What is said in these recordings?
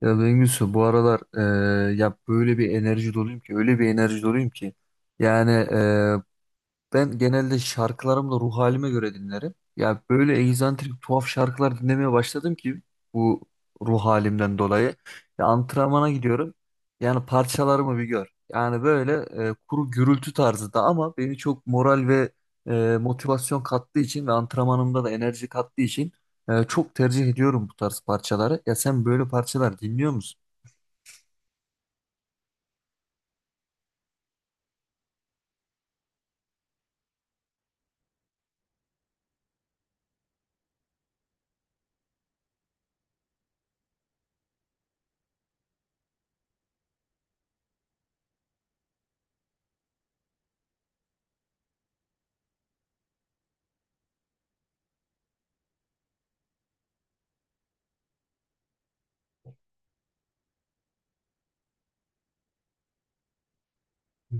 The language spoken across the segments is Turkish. Ya Bengüsü, bu aralar ya böyle bir enerji doluyum ki öyle bir enerji doluyum ki, yani ben genelde şarkılarımı da ruh halime göre dinlerim. Ya böyle egzantrik tuhaf şarkılar dinlemeye başladım ki bu ruh halimden dolayı. Ya antrenmana gidiyorum. Yani parçalarımı bir gör. Yani böyle kuru gürültü tarzı da, ama beni çok moral ve motivasyon kattığı için ve antrenmanımda da enerji kattığı için çok tercih ediyorum bu tarz parçaları. Ya sen böyle parçalar dinliyor musun? Hı.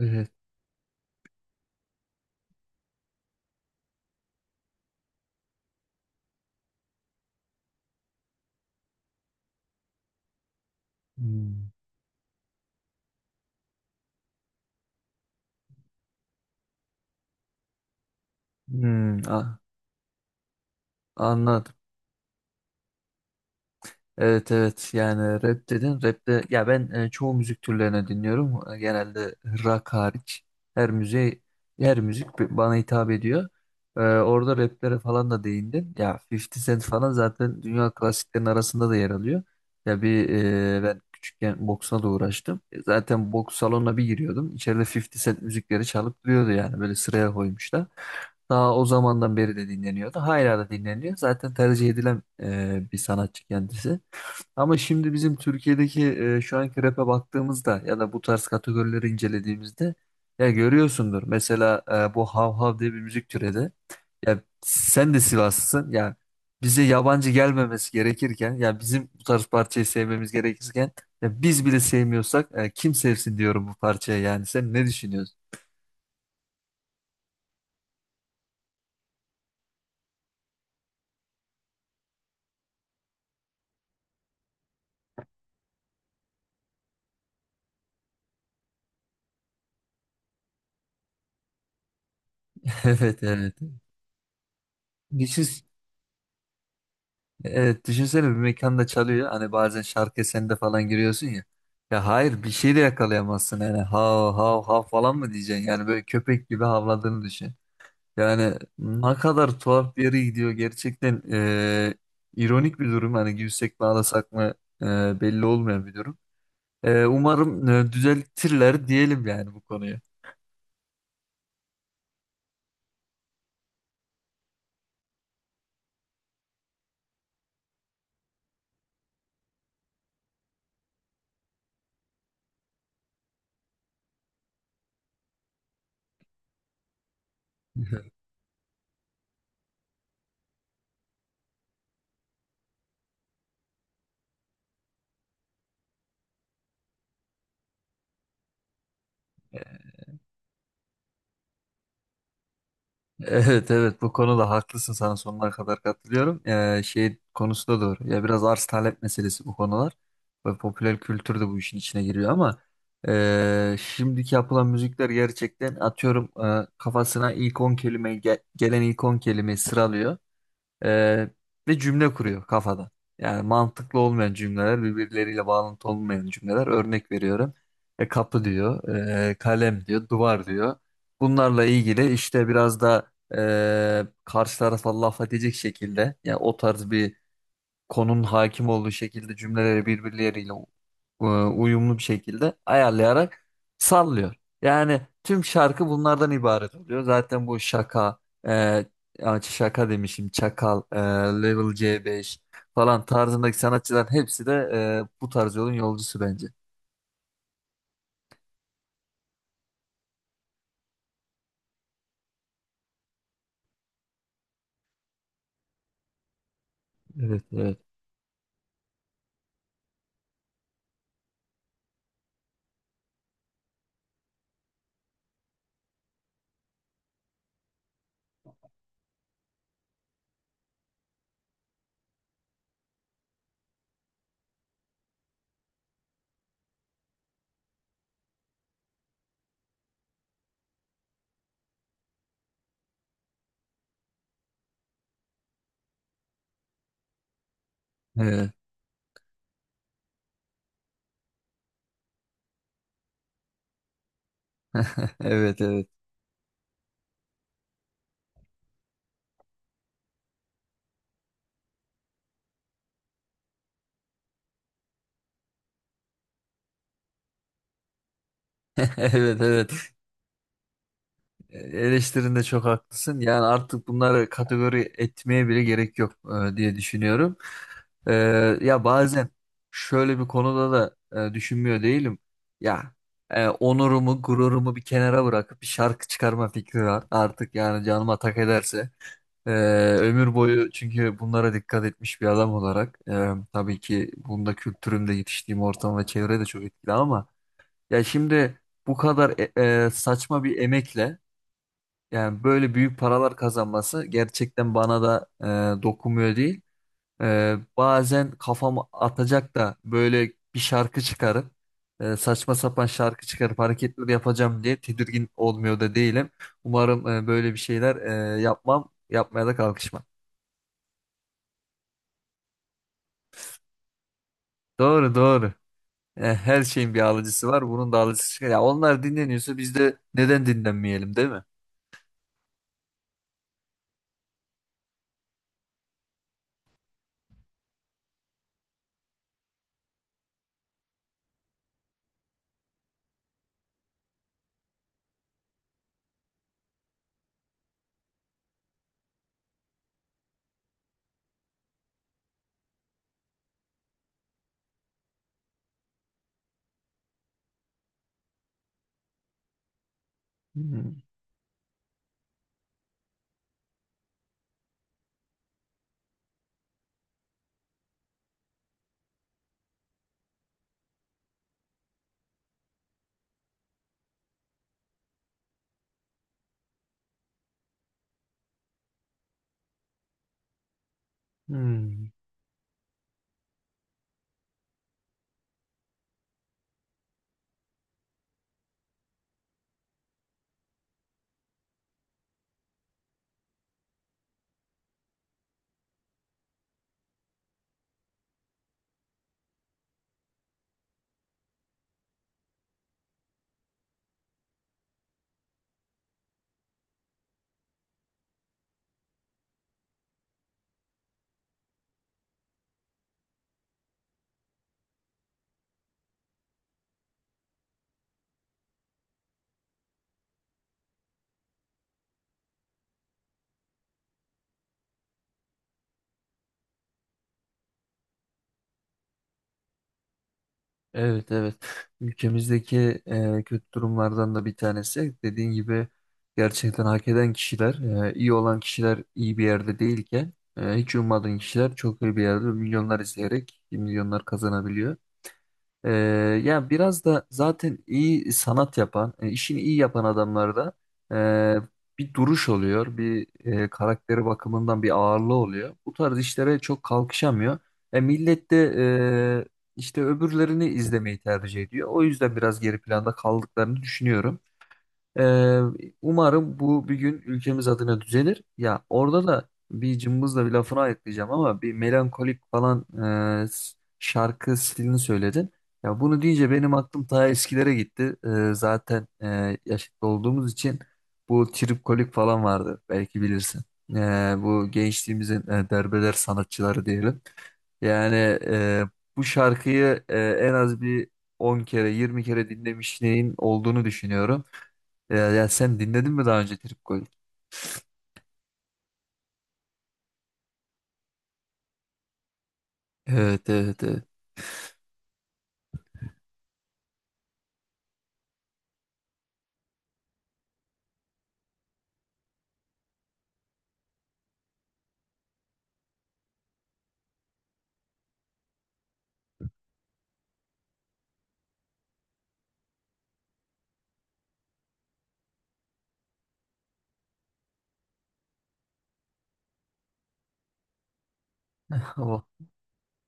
Evet. Hmm. Hmm, anladım. Evet, evet, yani rap dedin. Rap'te ya ben çoğu müzik türlerini dinliyorum. Genelde rock hariç. Her müziğe her müzik bana hitap ediyor. Orada raplere falan da değindin. Ya 50 Cent falan zaten dünya klasiklerinin arasında da yer alıyor. Ya bir ben küçükken boksla da uğraştım. Zaten boks salonuna bir giriyordum. İçeride 50 Cent müzikleri çalıp duruyordu, yani böyle sıraya koymuşlar. Daha o zamandan beri de dinleniyordu. Hala da dinleniyor. Zaten tercih edilen bir sanatçı kendisi. Ama şimdi bizim Türkiye'deki şu anki rap'e baktığımızda ya da bu tarz kategorileri incelediğimizde ya görüyorsundur. Mesela bu Hav Hav diye bir müzik türedi. Ya sen de Sivaslısın. Ya bize yabancı gelmemesi gerekirken, ya bizim bu tarz parçayı sevmemiz gerekirken, ya biz bile sevmiyorsak kim sevsin diyorum bu parçayı, yani. Sen ne düşünüyorsun? Evet, evet. Evet, düşünsene, bir mekanda çalıyor. Hani bazen şarkı eserinde falan giriyorsun ya. Ya hayır, bir şey de yakalayamazsın. Yani hav hav hav falan mı diyeceksin? Yani böyle köpek gibi havladığını düşün. Yani ne kadar tuhaf bir yere gidiyor. Gerçekten ironik bir durum. Hani gülsek mi ağlasak mı belli olmayan bir durum. Umarım düzeltirler diyelim, yani bu konuyu. Evet, evet, bu konuda haklısın, sana sonuna kadar katılıyorum. Şey konusu da doğru. Ya biraz arz talep meselesi bu konular. Ve popüler kültür de bu işin içine giriyor, ama şimdiki yapılan müzikler gerçekten, atıyorum, kafasına ilk 10 kelime gelen ilk 10 kelimeyi sıralıyor. Ee, ve cümle kuruyor kafada. Yani mantıklı olmayan cümleler, birbirleriyle bağlantı olmayan cümleler. Örnek veriyorum. Kapı diyor, kalem diyor, duvar diyor. Bunlarla ilgili işte biraz da karşı tarafa laf edecek şekilde, yani o tarz bir konunun hakim olduğu şekilde cümleleri birbirleriyle uyumlu bir şekilde ayarlayarak sallıyor. Yani tüm şarkı bunlardan ibaret oluyor. Zaten bu şaka, e, şaka demişim, Çakal, Level C5 falan tarzındaki sanatçıların hepsi de bu tarz yolun yolcusu bence. Evet, evet. Evet, evet, evet. Evet, evet. Eleştirinde çok haklısın. Yani artık bunları kategori etmeye bile gerek yok diye düşünüyorum. E, ya bazen şöyle bir konuda da düşünmüyor değilim. Ya onurumu, gururumu bir kenara bırakıp bir şarkı çıkarma fikri var. Artık, yani canıma tak ederse. E, ömür boyu çünkü bunlara dikkat etmiş bir adam olarak. Tabii ki, bunda kültürümde yetiştiğim ortam ve çevre de çok etkili, ama ya şimdi bu kadar saçma bir emekle yani böyle büyük paralar kazanması gerçekten bana da dokunmuyor değil. Bazen kafamı atacak da böyle bir şarkı çıkarıp saçma sapan şarkı çıkarıp hareketler yapacağım diye tedirgin olmuyor da değilim. Umarım böyle bir şeyler yapmam, yapmaya da kalkışmam. Doğru, doğru. Her şeyin bir alıcısı var, bunun da alıcısı çıkar. Ya onlar dinleniyorsa biz de neden dinlenmeyelim, değil mi? Hmm. Hmm. Evet, evet. Ülkemizdeki kötü durumlardan da bir tanesi. Dediğin gibi gerçekten hak eden kişiler, iyi olan kişiler iyi bir yerde değilken, hiç ummadığın kişiler çok iyi bir yerde milyonlar izleyerek milyonlar kazanabiliyor. Ee, ya biraz da zaten iyi sanat yapan, işini iyi yapan adamlarda e, bir duruş oluyor, bir karakteri bakımından bir ağırlığı oluyor. Bu tarz işlere çok kalkışamıyor. Millet de e, işte öbürlerini izlemeyi tercih ediyor. O yüzden biraz geri planda kaldıklarını düşünüyorum. Ee, umarım bu bir gün ülkemiz adına düzelir. Ya orada da bir cımbızla bir lafını ayıklayacağım, ama bir melankolik falan e, s- şarkı stilini söyledin. Ya bunu deyince benim aklım ta eskilere gitti. Zaten yaşlı olduğumuz için bu tripkolik falan vardı, belki bilirsin. Bu gençliğimizin derbeder sanatçıları diyelim. Yani e, bu şarkıyı en az bir 10 kere 20 kere dinlemişliğin olduğunu düşünüyorum. Ya, ya sen dinledin mi daha önce Trip Gold? Evet, evet, evet. Ama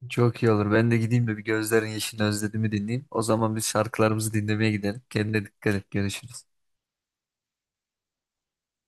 çok iyi olur. Ben de gideyim de bir Gözlerin Yeşilini Özledim'i dinleyeyim. O zaman biz şarkılarımızı dinlemeye gidelim. Kendine dikkat et. Görüşürüz.